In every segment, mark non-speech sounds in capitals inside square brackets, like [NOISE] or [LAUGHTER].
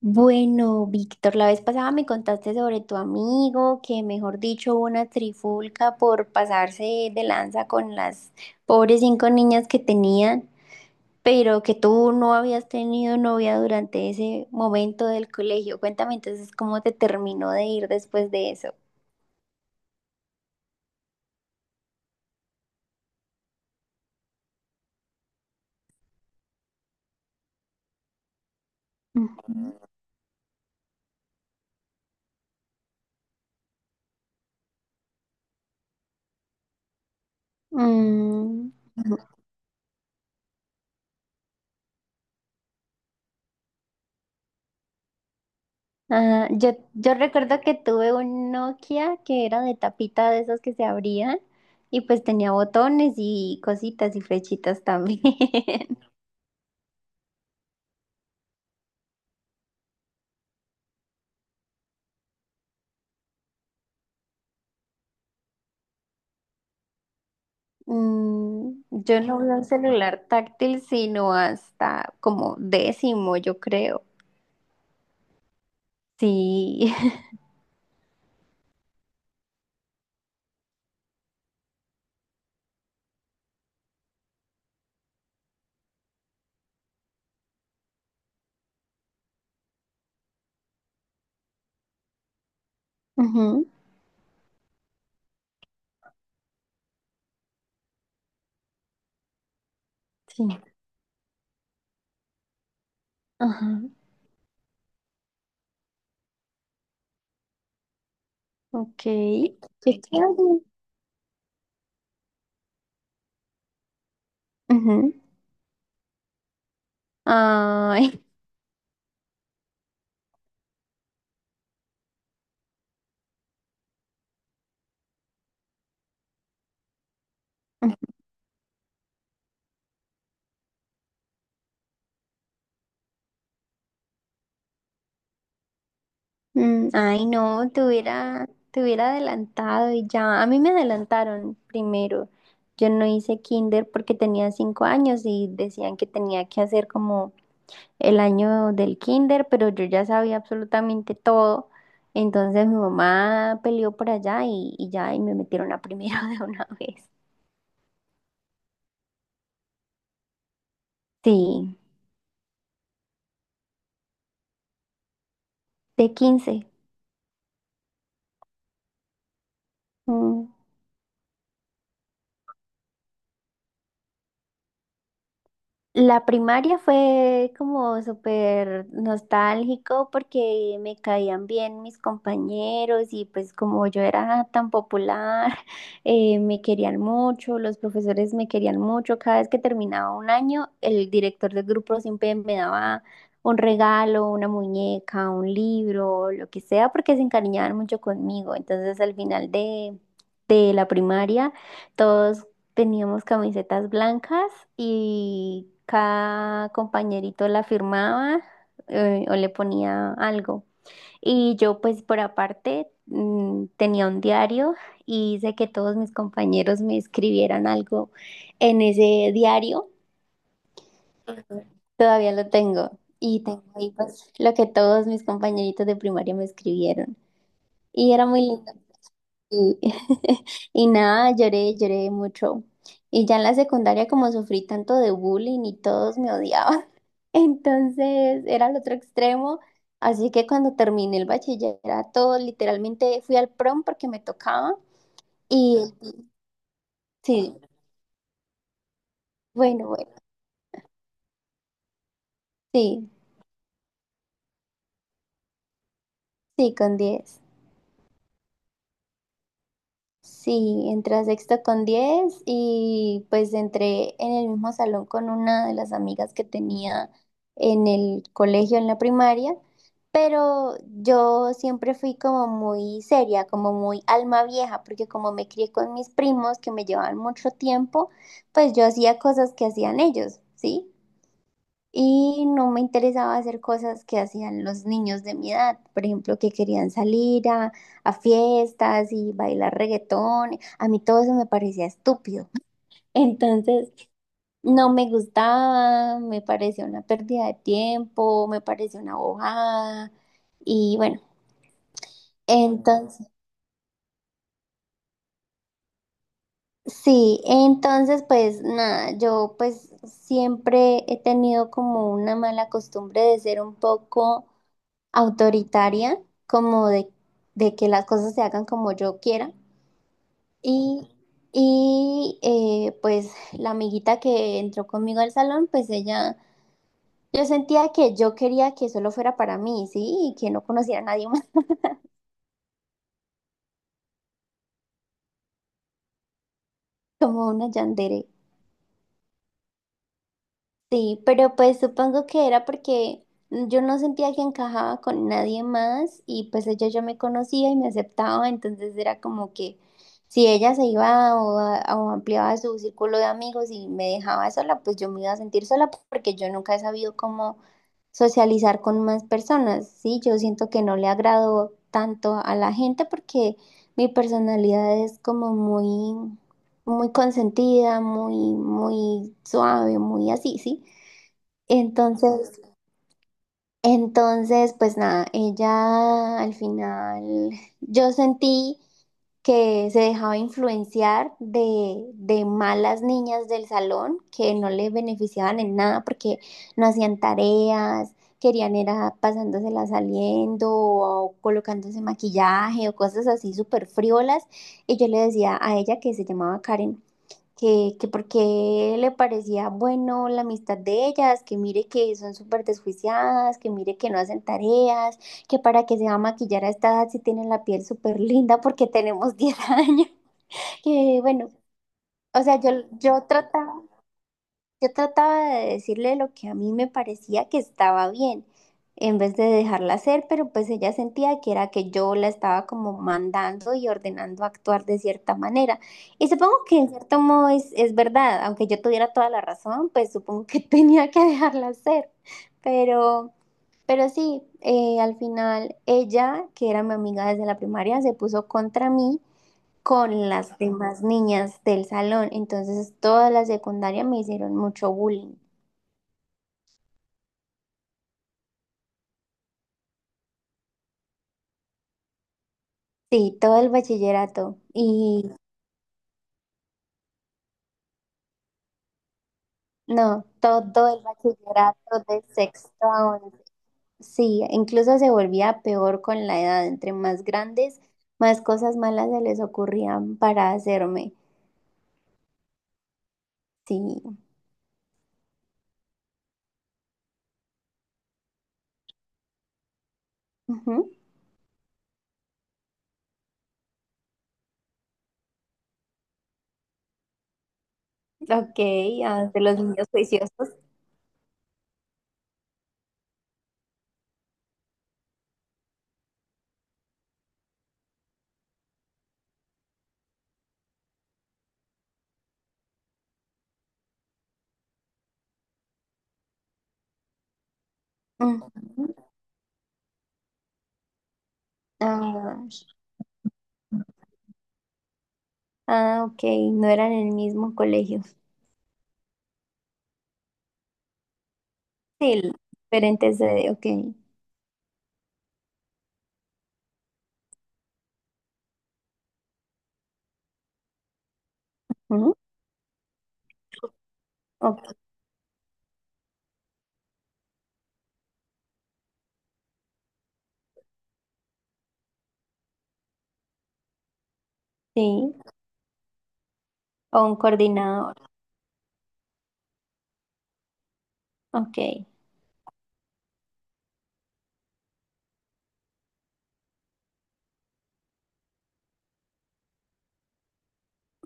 Bueno, Víctor, la vez pasada me contaste sobre tu amigo, que mejor dicho, hubo una trifulca por pasarse de lanza con las pobres cinco niñas que tenían, pero que tú no habías tenido novia durante ese momento del colegio. Cuéntame entonces cómo te terminó de ir después de eso. Ujú. Mm. Ah, yo recuerdo que tuve un Nokia que era de tapita de esas que se abrían y pues tenía botones y cositas y flechitas también. [LAUGHS] Mm, yo no usé un celular táctil sino hasta como décimo, yo creo. Sí. [LAUGHS] Ujú, sí. Ajá. Ok. Qué chévere. Ujú. Ay. [LAUGHS] Mm, ay, no, te hubiera adelantado y ya. A mí me adelantaron primero. Yo no hice kinder porque tenía 5 años y decían que tenía que hacer como el año del kinder, pero yo ya sabía absolutamente todo. Entonces mi mamá peleó por allá y ya, y me metieron a primero [LAUGHS] de una vez. Sí, de 15. Mm. La primaria fue como súper nostálgico porque me caían bien mis compañeros y pues como yo era tan popular, [LAUGHS] me querían mucho, los profesores me querían mucho. Cada vez que terminaba un año, el director del grupo siempre me daba un regalo, una muñeca, un libro, lo que sea, porque se encariñaban mucho conmigo. Entonces al final de la primaria. Todos teníamos camisetas blancas y cada compañerito la firmaba o le ponía algo. Y yo pues por aparte tenía un diario y hice que todos mis compañeros me escribieran algo en ese diario. Todavía lo tengo. Y tengo ahí pues lo que todos mis compañeritos de primaria me escribieron. Y era muy lindo. Y [LAUGHS] y nada, lloré, lloré mucho. Y ya en la secundaria, como sufrí tanto de bullying y todos me odiaban, [LAUGHS] entonces era el otro extremo. Así que cuando terminé el bachillerato, literalmente fui al prom porque me tocaba. Y sí, bueno, bueno, sí, sí, con 10. Sí, entré a sexto con 10 y pues entré en el mismo salón con una de las amigas que tenía en el colegio, en la primaria, pero yo siempre fui como muy seria, como muy alma vieja, porque como me crié con mis primos que me llevaban mucho tiempo, pues yo hacía cosas que hacían ellos, ¿sí? Y no me interesaba hacer cosas que hacían los niños de mi edad, por ejemplo, que querían salir a fiestas y bailar reggaetón. A mí todo eso me parecía estúpido. [LAUGHS] Entonces, no me gustaba, me parecía una pérdida de tiempo, me parecía una bojada. Y bueno, entonces, sí, entonces pues nada, yo pues siempre he tenido como una mala costumbre de ser un poco autoritaria, como de que las cosas se hagan como yo quiera. Y, pues la amiguita que entró conmigo al salón, pues ella, yo sentía que yo quería que solo fuera para mí, ¿sí? Y que no conociera a nadie más. [LAUGHS] Como una yandere. Sí, pero pues supongo que era porque yo no sentía que encajaba con nadie más y pues ella ya me conocía y me aceptaba, entonces era como que si ella se iba o, o ampliaba su círculo de amigos y me dejaba sola, pues yo me iba a sentir sola porque yo nunca he sabido cómo socializar con más personas, ¿sí? Yo siento que no le agrado tanto a la gente porque mi personalidad es como muy, muy consentida, muy, muy suave, muy así, ¿sí? Entonces, entonces, pues nada, ella al final, yo sentí que se dejaba influenciar de malas niñas del salón que no le beneficiaban en nada porque no hacían tareas, querían era pasándosela saliendo o colocándose maquillaje o cosas así súper friolas. Y yo le decía a ella que se llamaba Karen que porque le parecía bueno la amistad de ellas, que mire que son súper desjuiciadas, que mire que no hacen tareas, que para que se va a maquillar a esta edad si tienen la piel súper linda porque tenemos 10 años, [LAUGHS] que bueno, o sea, yo trataba. Yo trataba de decirle lo que a mí me parecía que estaba bien, en vez de dejarla hacer, pero pues ella sentía que era que yo la estaba como mandando y ordenando actuar de cierta manera. Y supongo que en cierto modo es verdad, aunque yo tuviera toda la razón, pues supongo que [LAUGHS] tenía que dejarla hacer. Pero, pero sí, al final ella, que era mi amiga desde la primaria, se puso contra mí con las demás niñas del salón. Entonces, toda la secundaria me hicieron mucho bullying. Sí, todo el bachillerato. Y no, todo el bachillerato de sexto a once. Sí, incluso se volvía peor con la edad. Entre más grandes, más cosas malas se les ocurrían para hacerme. Sí. Ujú. Ok, ah, de los niños juiciosos. Ujú. Ah, ah, ok, no eran en el mismo colegio. Sí, diferentes de, ok. Ujú, ok, sí. O un coordinador. Ok.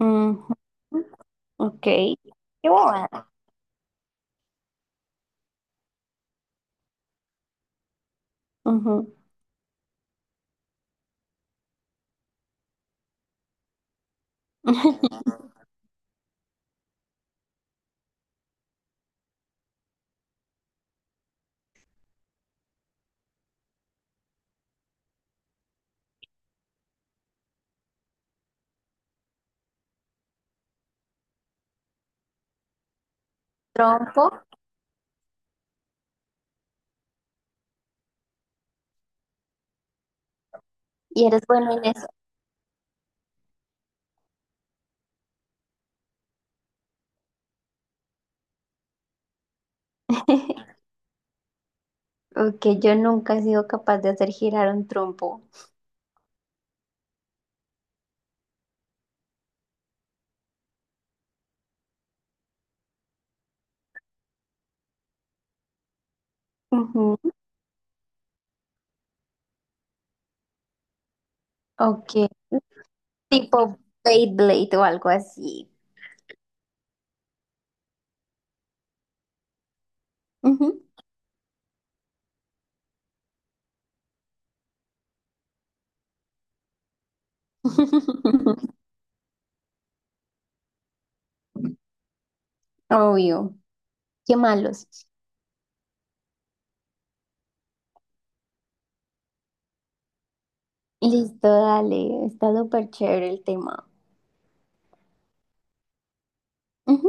Ujú. Ok. Qué bobada. Ujú. [LAUGHS] Trompo. Y eres bueno en eso. [LAUGHS] Ok, yo nunca he sido capaz de hacer girar un trompo. Ujú, ok. Tipo Beyblade o algo así. Ujú. [LAUGHS] Obvio. Qué malos. Listo, dale. Está súper chévere el tema. Ujú.